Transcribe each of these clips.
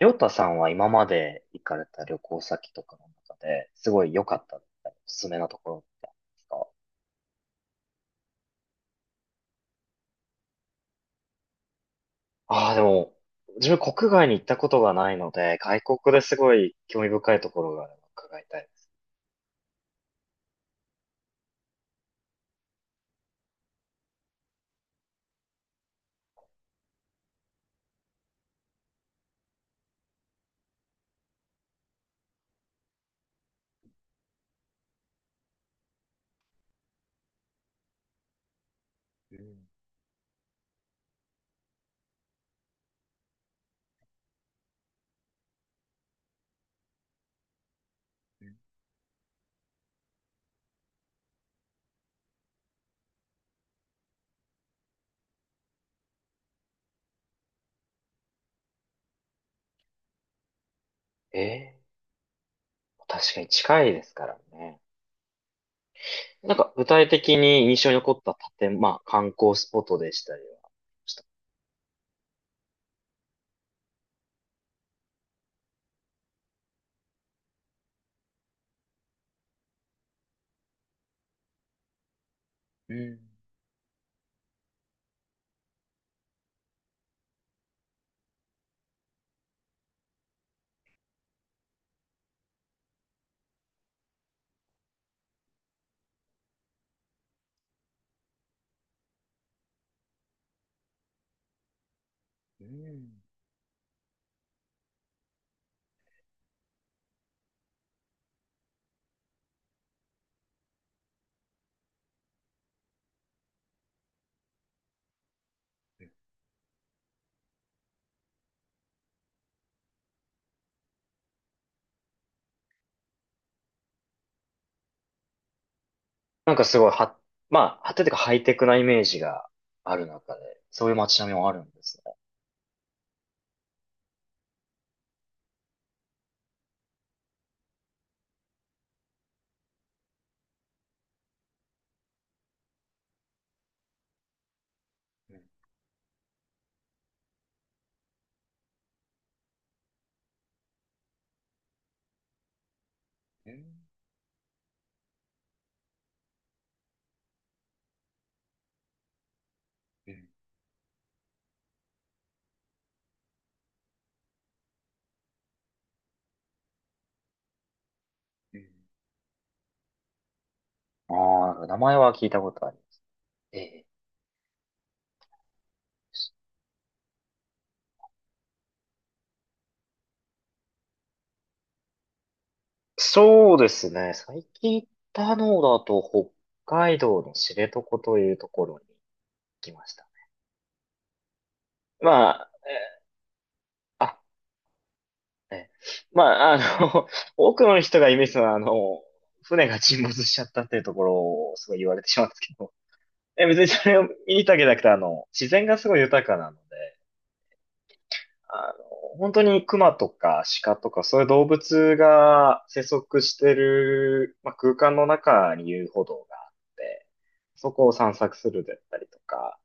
りょうたさんは今まで行かれた旅行先とかの中で、すごい良かったおすすめなところってありますか？ああー、でも、自分国外に行ったことがないので、外国ですごい興味深いところがあれば伺いたいです。うん。ええ、確かに近いですからね。なんか具体的に印象に残ったまあ観光スポットでしたりはした。うん。うん。なんかすごいは、まあ、はててかハイテクなイメージがある中で、そういう街並みもあるんですね。うん。うん。うん。ああ、名前は聞いたことあります。ええ。そうですね。最近行ったのだと、北海道の知床というところに行きました。まあ、あ、え、まあ、の、多くの人がイメージするのは、船が沈没しちゃったっていうところをすごい言われてしまうんですけど、別にそれを見に行ったわけじゃなくて、自然がすごい豊かなので、あ本当に熊とか鹿とかそういう動物が生息してる、まあ、空間の中に遊歩道があって、そこを散策するだったりとか、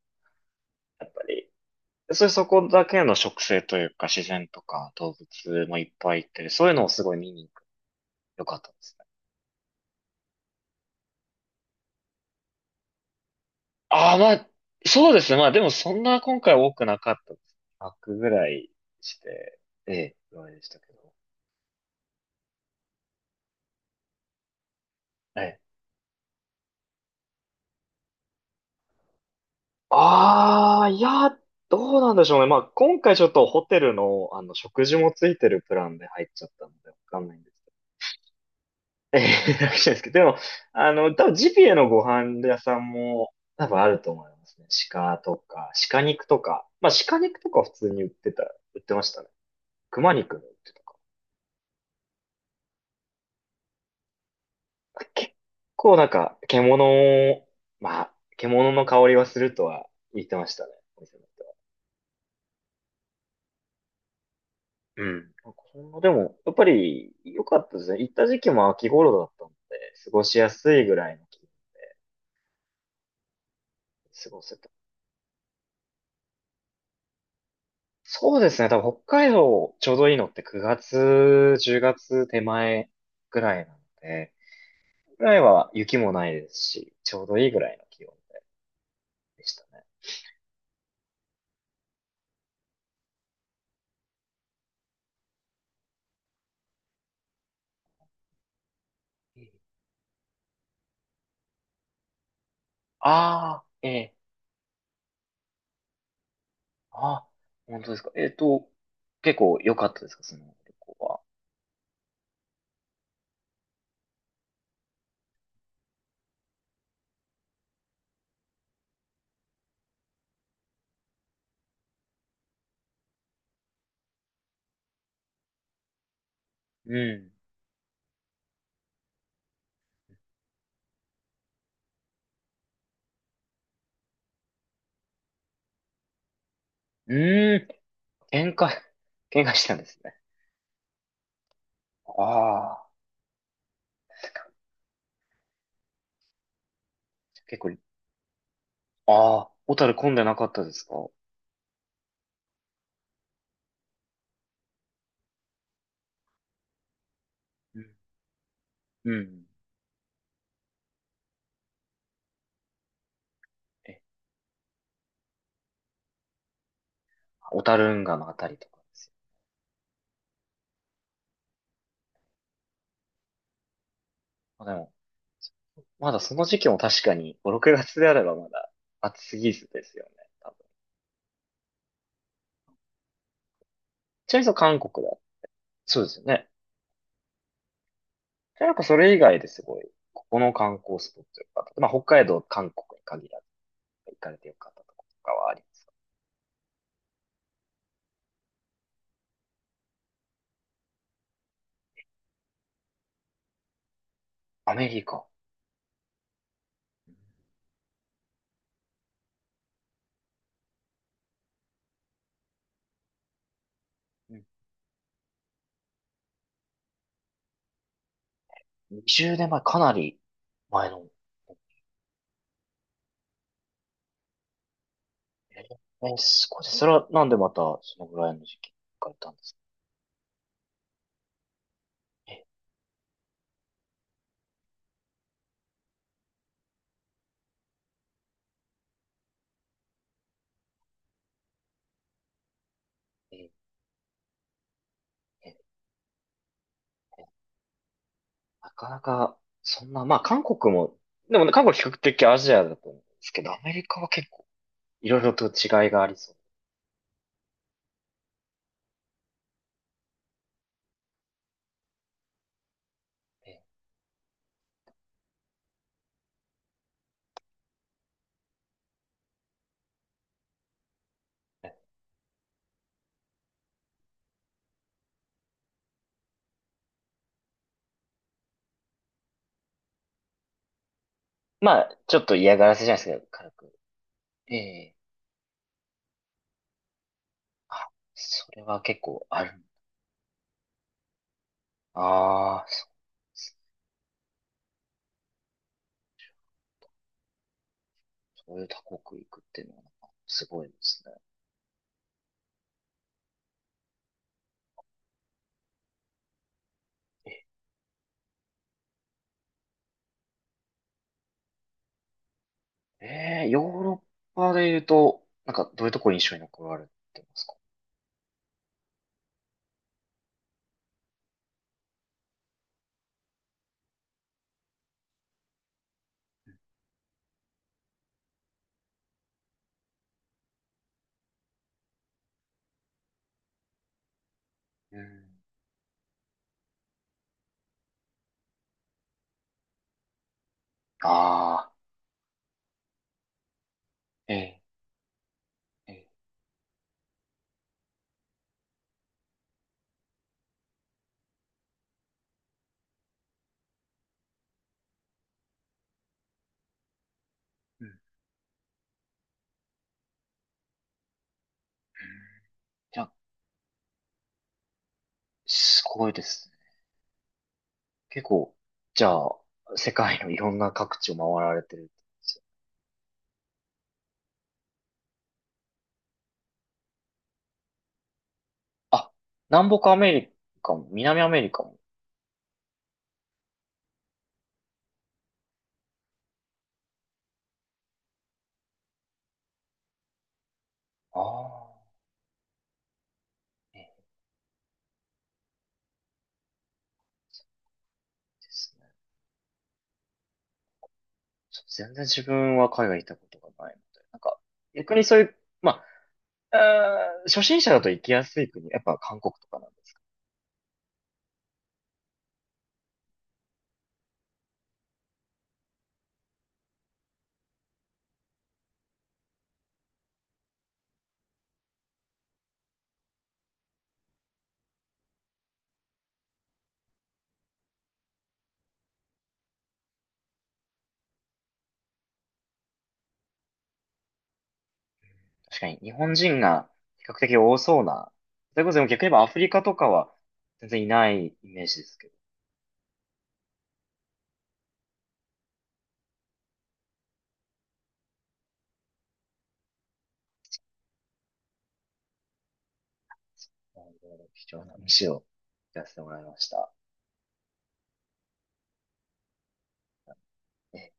やっぱり、そういうそこだけの植生というか自然とか動物もいっぱいいて、そういうのをすごい見に行く。よかったですね。ああ、まあ、そうですね。まあでもそんな今回多くなかったです。100ぐらいして、ええ、ぐらいでしたけど。ええ。ああ、いや、どうなんでしょうね。まあ、今回ちょっとホテルの、食事もついてるプランで入っちゃったので、わかんないんですけど。ええ、楽しいですけど、でも、多分ジビエのご飯屋さんも多分あると思いますね。鹿とか、鹿肉とか。まあ、鹿肉とか普通に売ってましたね。熊肉も売ってたかな。結構なんか、を、まあ、獣の香りはするとは言ってましたね。お店の人。うん。なんかほんのでも、やっぱり良かったですね。行った時期も秋頃だったので、過ごしやすいぐらいの気温で過ごせた。そうですね。多分北海道ちょうどいいのって9月、10月手前ぐらいなので、ぐらいは雪もないですし、ちょうどいいぐらいの気温でしたね。ああ、ええ、あ、本当ですか。結構良かったですか、その旅行は。うん。うーん、喧嘩、喧嘩したんですね。ああ、って感じ。結構。ああ、小樽混んでなかったですか？うん。うん。え、小樽運河のあたりとかですよ。まあ、でも、まだその時期も確かに5、6月であればまだ暑すぎずですよね。多分。ちなみにそう韓国だ。そうですよね。じゃあなんかそれ以外ですごい、ここの観光スポットよかった。まあ北海道、韓国に限らず行かれてよかったとことかはあります。アメリカ。うん。20年前、かなり前の。えすごいです。それはなんでまたそのぐらいの時期に行かれたんですか？えー、えーなかなか、そんな、まあ韓国も、でもね、韓国は比較的アジアだと思うんですけど、アメリカは結構いろいろと違いがありそうで。まあ、ちょっと嫌がらせじゃないですけど、軽く。ええ、それは結構ある。ああ、そうですね。そういう他国行くっていうのはなんかすごいですね。ええ、ええ、ヨーロッパで言うと、なんかどういうところ印象に残られてますか？うん。ああ、ええ、ええ。うん。いや、すごいですね。結構、じゃあ、世界のいろんな各地を回られてるってことですよ。あ、南北アメリカも、南アメリカも。ああ、いいですね。ちょっと全然自分は海外行ったことがないので。なんか、逆にそういう、まあ、初心者だと行きやすい国、やっぱ韓国とかなんですかね？確かに日本人が比較的多そうな。それこそでも逆に言えばアフリカとかは全然いないイメージですけど。なるほど貴重な話を聞かせてもらいました。えー